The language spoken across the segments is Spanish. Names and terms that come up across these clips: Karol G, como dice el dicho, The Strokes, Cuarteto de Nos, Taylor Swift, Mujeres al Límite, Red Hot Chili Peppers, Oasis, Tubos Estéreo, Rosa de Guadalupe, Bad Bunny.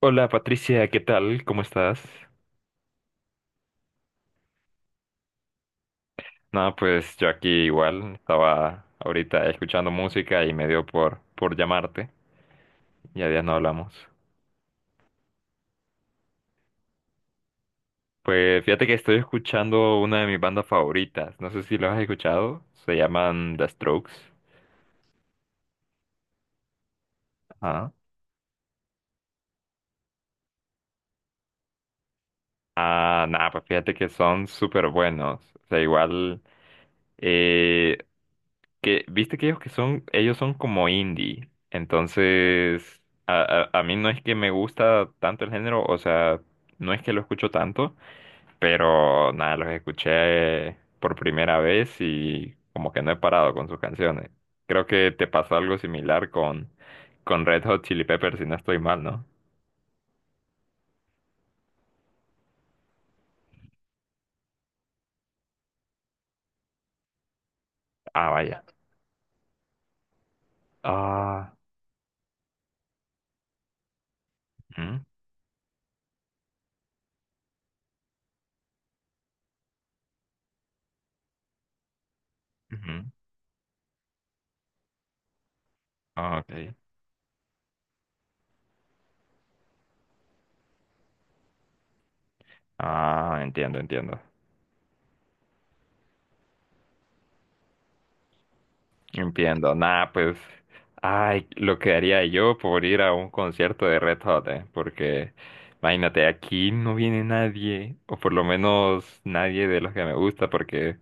Hola Patricia, ¿qué tal? ¿Cómo estás? No, pues yo aquí igual estaba ahorita escuchando música y me dio por llamarte. Ya días no hablamos. Pues fíjate que estoy escuchando una de mis bandas favoritas. No sé si lo has escuchado. Se llaman The Strokes. Ah, ah, nada, pues fíjate que son súper buenos. O sea, igual. eh, que viste que ellos que son, ellos son como indie, entonces a mí no es que me gusta tanto el género, o sea, no es que lo escucho tanto, pero nada, los escuché por primera vez y como que no he parado con sus canciones. Creo que te pasó algo similar con Red Hot Chili Peppers, si no estoy mal, ¿no? Ah, vaya. Ah, ujú, ujú. Ah, ok. Ah, entiendo, entiendo. Entiendo, nada, pues, ay, lo que haría yo por ir a un concierto de Red Hot, porque imagínate, aquí no viene nadie, o por lo menos nadie de los que me gusta, porque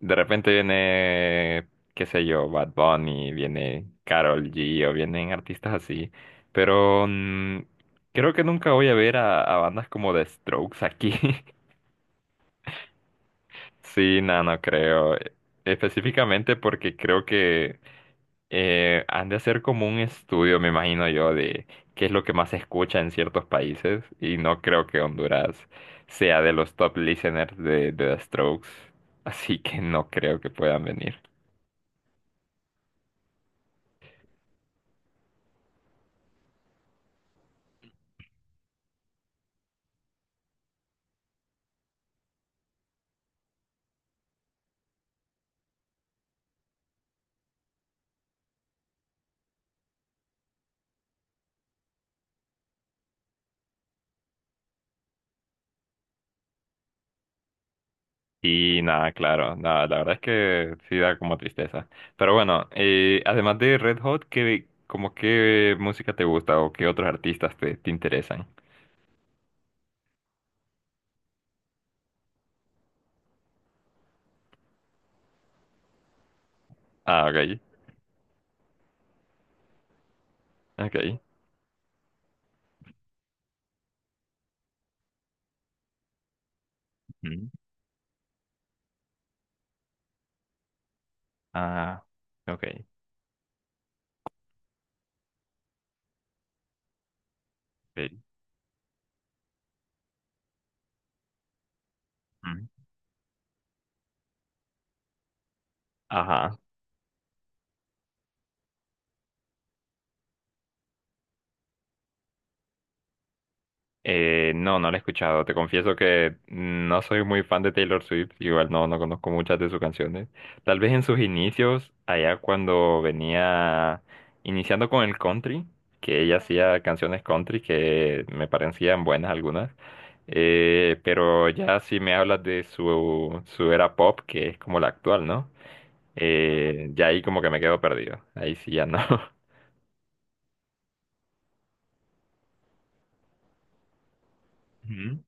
de repente viene, qué sé yo, Bad Bunny, viene Karol G, o vienen artistas así, pero creo que nunca voy a ver a bandas como The Strokes aquí. Sí, no, no creo. Específicamente porque creo que han de hacer como un estudio, me imagino yo, de qué es lo que más se escucha en ciertos países. Y no creo que Honduras sea de los top listeners de The Strokes. Así que no creo que puedan venir. Y nada, claro, nada, la verdad es que sí da como tristeza. Pero bueno, además de Red Hot, ¿qué, como qué música te gusta o qué otros artistas te, te interesan? Ah, ok, ok. Ah, ok. Sí. Mm. Ajá. No, no la he escuchado. Te confieso que no soy muy fan de Taylor Swift. Igual no, no conozco muchas de sus canciones. Tal vez en sus inicios, allá cuando venía iniciando con el country, que ella hacía canciones country que me parecían buenas algunas. Pero ya si me hablas de su era pop, que es como la actual, ¿no? Ya ahí como que me quedo perdido. Ahí sí ya no. Ujú.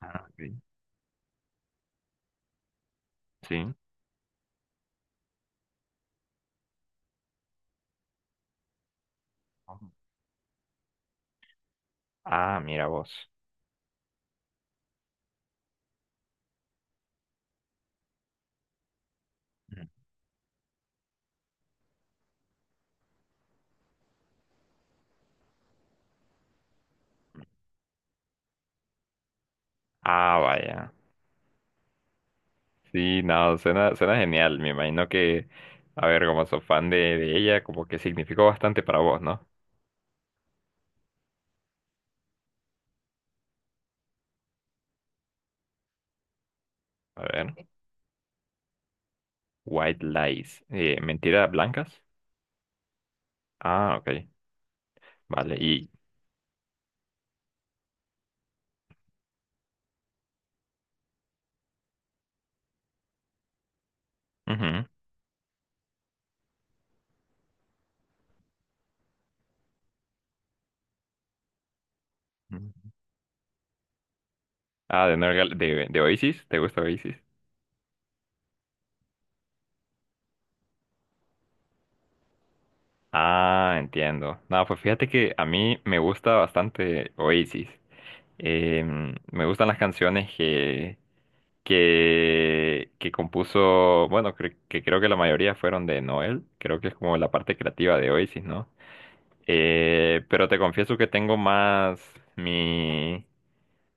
Ah, ok. Sí. Ah, mira vos. Ujú. Ah, vaya. Sí, no, suena, suena genial. Me imagino que, a ver, como sos fan de ella, como que significó bastante para vos, ¿no? A ver. White lies. ¿Mentiras blancas? Ah, ok. Vale. Y. Ujú. Ujú. Ah, de Oasis. ¿Te gusta Oasis? Ah, entiendo. No, pues fíjate que a mí me gusta bastante Oasis. Em, me gustan las canciones que compuso, bueno, que creo que la mayoría fueron de Noel, creo que es como la parte creativa de Oasis, ¿no? Pero te confieso que tengo más mi,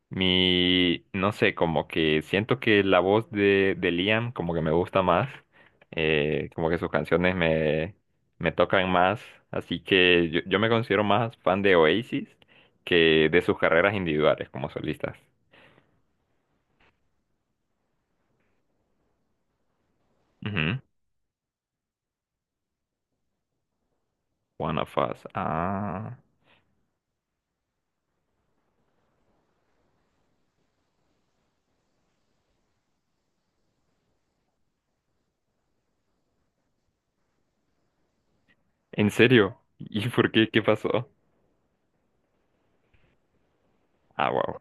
no sé, como que siento que la voz de Liam como que me gusta más, como que sus canciones me tocan más, así que yo me considero más fan de Oasis que de sus carreras individuales como solistas. Ujú. One of Us. Ah. ¿En serio? ¿Y por qué? ¿Qué pasó? Ah, wow.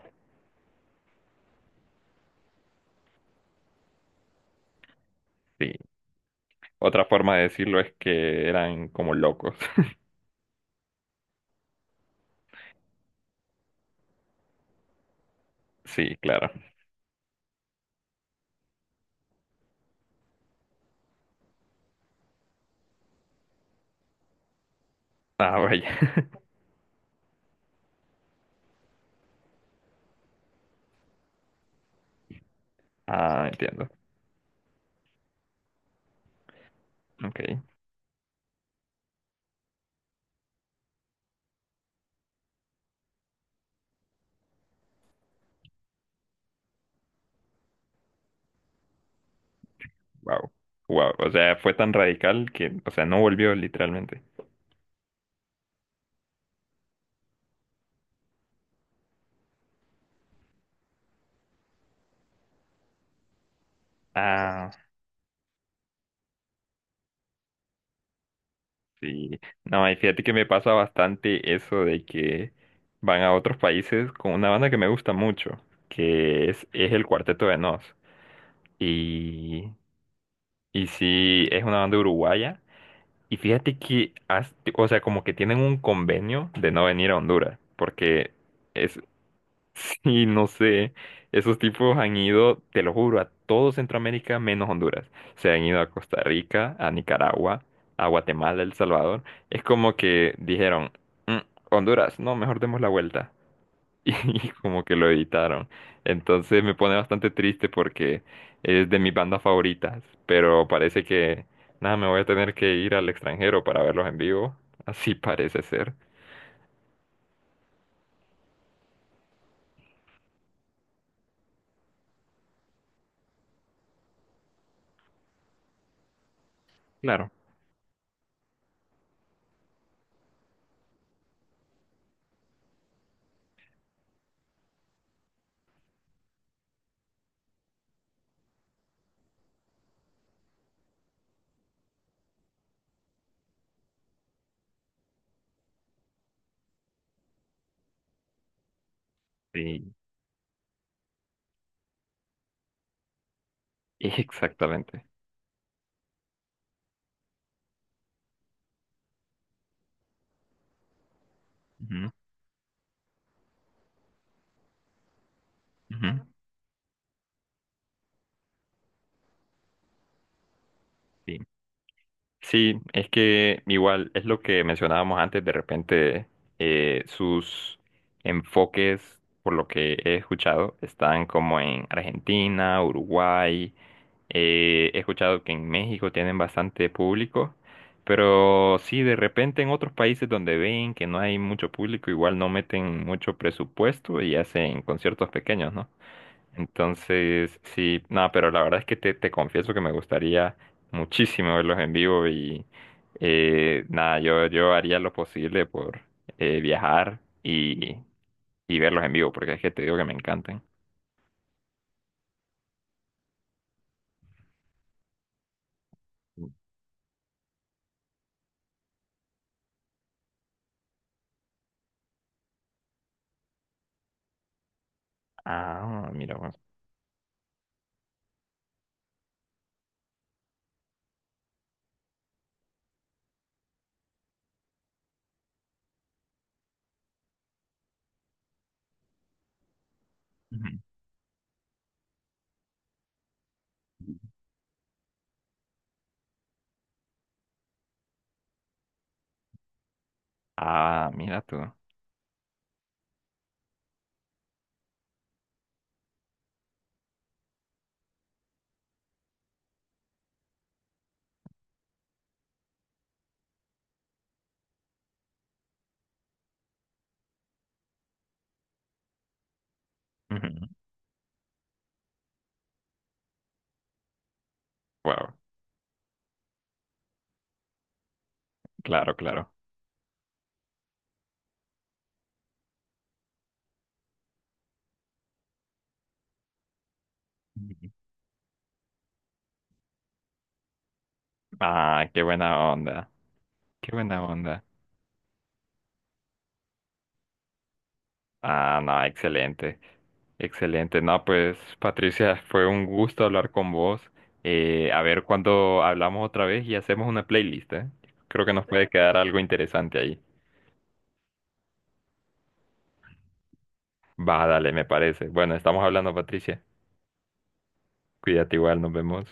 Sí. Otra forma de decirlo es que eran como locos. Sí, claro. Ah, vaya. Ah, entiendo. Ok. Wow. Wow. O sea, fue tan radical que, o sea, no volvió literalmente. Ah, sí. No, y fíjate que me pasa bastante eso de que van a otros países con una banda que me gusta mucho, es el Cuarteto de Nos. Y, y sí, es una banda uruguaya. Y fíjate que, o sea, como que tienen un convenio de no venir a Honduras, porque es. Sí, no sé, esos tipos han ido, te lo juro, a todo Centroamérica menos Honduras. Se han ido a Costa Rica, a Nicaragua, a Guatemala, El Salvador. Es como que dijeron, "Mm, Honduras, no, mejor demos la vuelta y como que lo editaron". Entonces me pone bastante triste porque es de mis bandas favoritas, pero parece que nada, me voy a tener que ir al extranjero para verlos en vivo. Así parece ser. Claro, sí, exactamente. Ujú, ujú, sí. Sí, es que igual es lo que mencionábamos antes, de repente sus enfoques, por lo que he escuchado, están como en Argentina, Uruguay. He escuchado que en México tienen bastante público, pero sí, de repente en otros países donde ven que no hay mucho público, igual no meten mucho presupuesto y hacen conciertos pequeños, ¿no? Entonces, sí, nada, pero la verdad es que te confieso que me gustaría muchísimo verlos en vivo y nada, yo haría lo posible por viajar y verlos en vivo, porque es que te digo que me encantan. Ah, mira, pues. Ujú. Ah, mira tú. Ujú. Wow, claro, claro. Ujú. Ah, qué buena onda, qué buena onda. Ah, no, excelente, excelente. No, pues Patricia, fue un gusto hablar con vos. A ver cuándo hablamos otra vez y hacemos una playlist, ¿eh? Creo que nos puede quedar algo interesante ahí. Va, dale, me parece. Bueno, estamos hablando, Patricia. Cuídate igual, nos vemos.